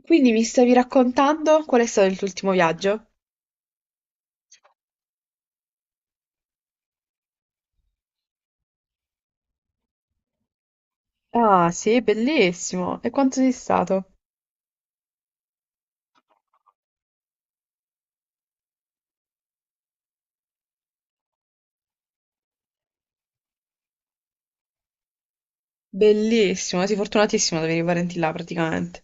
Quindi mi stavi raccontando qual è stato il tuo ultimo viaggio? Ah, sì, bellissimo. E quanto sei stato? Bellissimo, sei fortunatissimo ad avere i parenti là praticamente.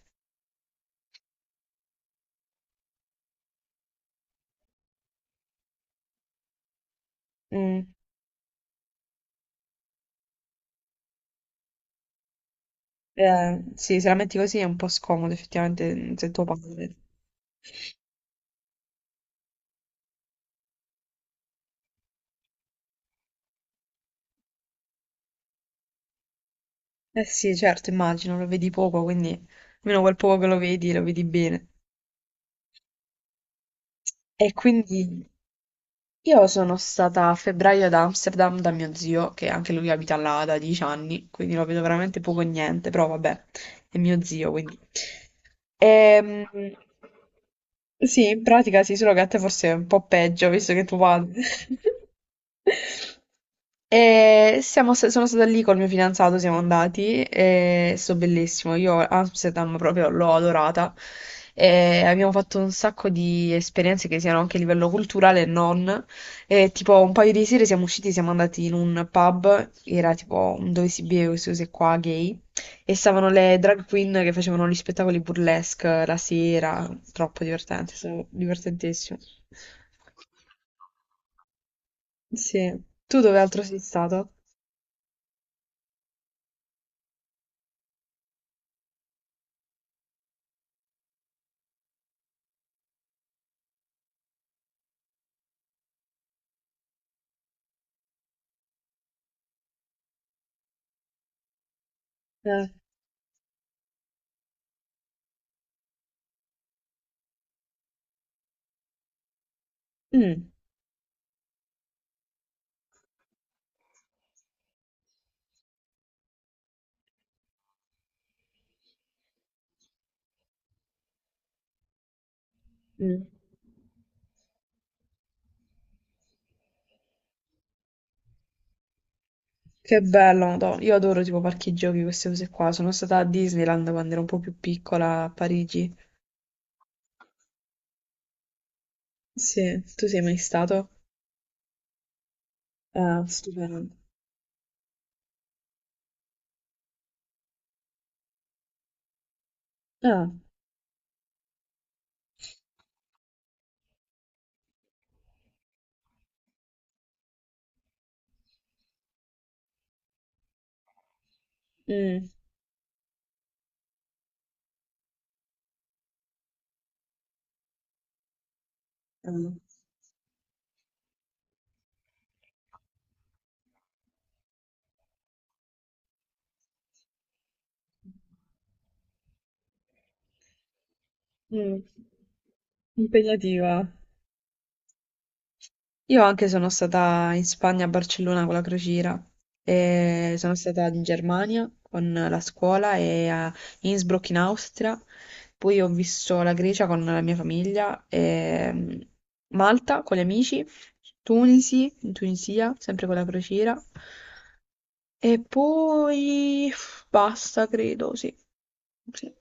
Mm. Sì, se la metti così è un po' scomodo effettivamente se tuo padre. Eh sì, certo, immagino, lo vedi poco, quindi almeno quel poco che lo vedi bene. E quindi io sono stata a febbraio ad Amsterdam da mio zio, che anche lui abita là da 10 anni, quindi lo vedo veramente poco e niente, però vabbè, è mio zio, quindi. Ehm, sì, in pratica sì, solo che a te forse è un po' peggio, visto che tu padre. E sono stata lì col mio fidanzato, siamo andati e è stato bellissimo. Io Amsterdam proprio l'ho adorata e abbiamo fatto un sacco di esperienze che siano anche a livello culturale e non. E tipo un paio di sere siamo usciti, siamo andati in un pub, era tipo un dove si beve queste cose qua gay, e stavano le drag queen che facevano gli spettacoli burlesque la sera, troppo divertente, divertentissimo. Sì. Tu dove altro sei stato? Eh. Mm, mm. Che bello, Madò. Io adoro tipo parchi giochi, queste cose qua. Sono stata a Disneyland quando ero un po' più piccola a Parigi. Sì, tu sei mai stato? Ah, stupendo. Ah. Mh. Mh. Mh. Impegnativa. Io anche sono stata in Spagna, a Barcellona con la crociera e sono stata in Germania con la scuola e a Innsbruck in Austria, poi ho visto la Grecia con la mia famiglia, e, Malta con gli amici, Tunisi, in Tunisia, sempre con la crociera. E poi basta, credo, sì. Sì.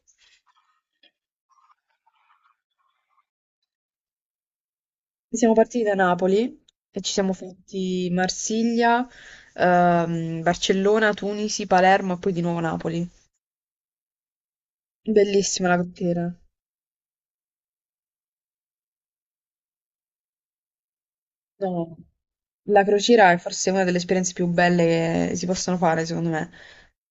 Siamo partiti da Napoli e ci siamo fatti Marsiglia, Barcellona, Tunisi, Palermo e poi di nuovo Napoli. Bellissima la crociera. No, la crociera è forse una delle esperienze più belle che si possono fare, secondo me.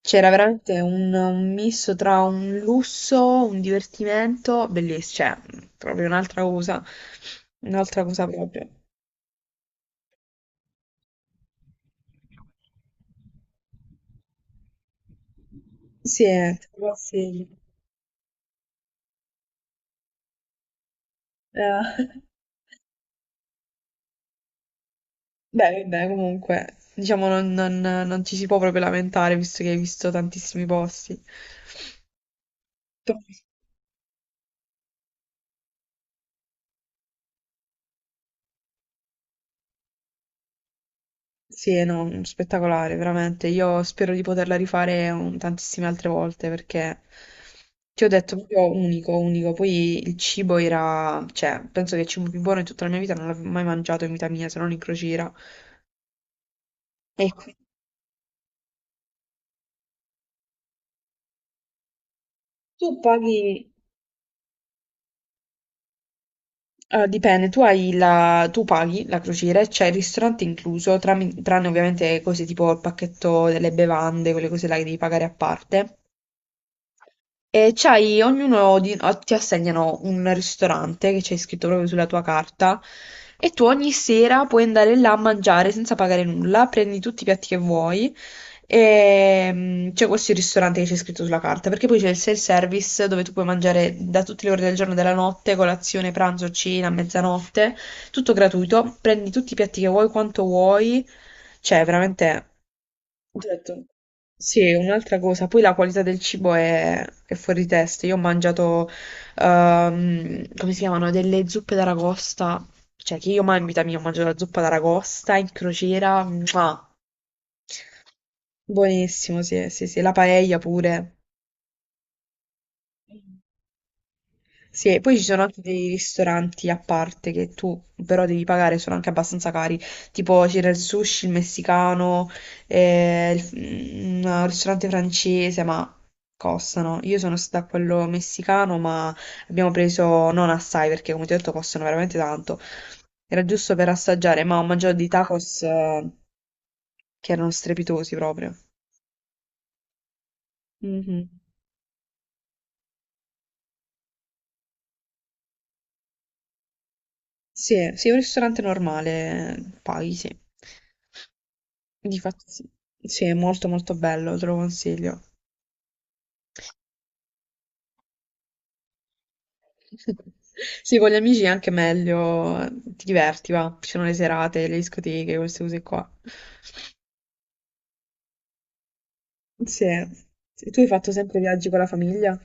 C'era veramente un misto tra un lusso, un divertimento, bellissimo, cioè proprio un'altra cosa proprio. Sì, è tipo classico. Eh, beh, vabbè, comunque, diciamo non ci si può proprio lamentare visto che hai visto tantissimi posti. To- Sì, no, spettacolare, veramente. Io spero di poterla rifare tantissime altre volte perché ti ho detto proprio unico, unico. Poi il cibo era, cioè, penso che il cibo più buono in tutta la mia vita non l'avevo mai mangiato in vita mia, se non in crociera. E qui tu paghi. Dipende, tu hai la tu paghi la crociera e c'è il ristorante incluso, tranne ovviamente cose tipo il pacchetto delle bevande, quelle cose là che devi pagare a parte. E c'hai ti assegnano un ristorante che c'è scritto proprio sulla tua carta e tu ogni sera puoi andare là a mangiare senza pagare nulla, prendi tutti i piatti che vuoi e c'è questo ristorante che c'è scritto sulla carta, perché poi c'è il self-service dove tu puoi mangiare da tutte le ore del giorno e della notte, colazione, pranzo, cena, mezzanotte, tutto gratuito, prendi tutti i piatti che vuoi, quanto vuoi, cioè veramente ho detto, sì, un'altra cosa, poi la qualità del cibo è fuori testa. Io ho mangiato, come si chiamano, delle zuppe d'aragosta, cioè che io mai in vita mia ho mangiato la zuppa d'aragosta in crociera, mua. Buonissimo, sì, sì, sì, la paella pure. Sì, e poi ci sono anche dei ristoranti a parte che tu però devi pagare, sono anche abbastanza cari, tipo c'era il sushi, il messicano, un ristorante francese, ma costano. Io sono stata a quello messicano, ma abbiamo preso non assai perché come ti ho detto costano veramente tanto. Era giusto per assaggiare, ma ho mangiato dei tacos che erano strepitosi proprio. Mhm. Sì, sì, un ristorante normale, paghi, sì. Sì, sì, è molto molto bello, te lo consiglio. Sì, con gli amici è anche meglio, ti diverti, va. Ci sono le serate, le discoteche, queste cose qua. Sì. E tu hai fatto sempre viaggi con la famiglia?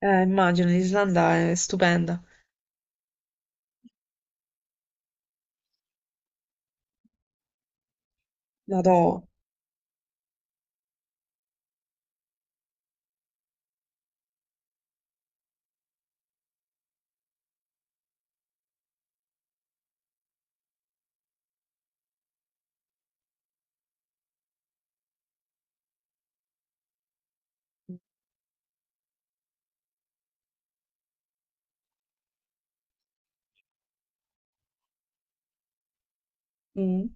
Immagino, l'Islanda è stupenda. Madò. Mm.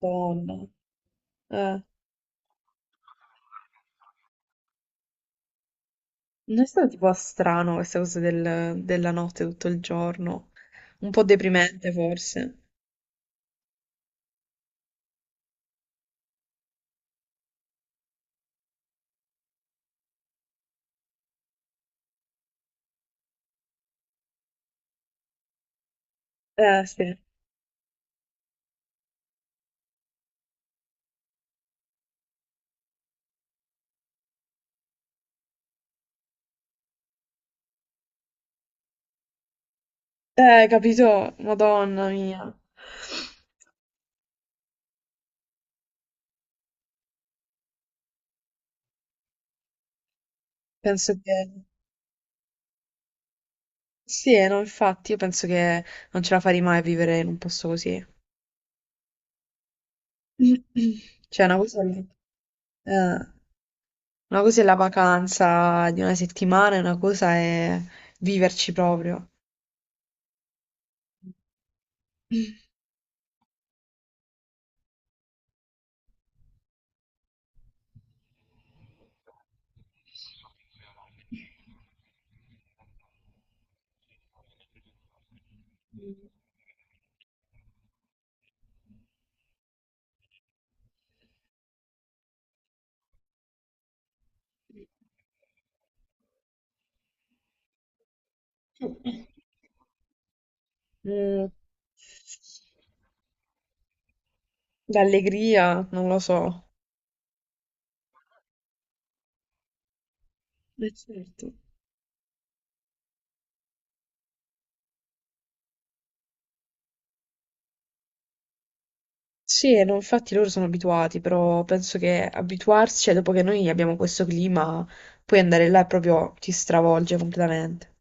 Madonna. Eh. Non è stato tipo strano questa cosa della notte tutto il giorno? Un po' deprimente forse. Sì. Capito? Madonna mia. Penso che sì, no, infatti, io penso che non ce la farei mai a vivere in un posto così. Cioè, eh, una cosa è la vacanza di una settimana, e una cosa è viverci proprio. Mm, l'allegria, non lo so. Certo. Sì, no, infatti loro sono abituati, però penso che abituarsi, cioè, dopo che noi abbiamo questo clima, poi andare là è proprio ti stravolge completamente.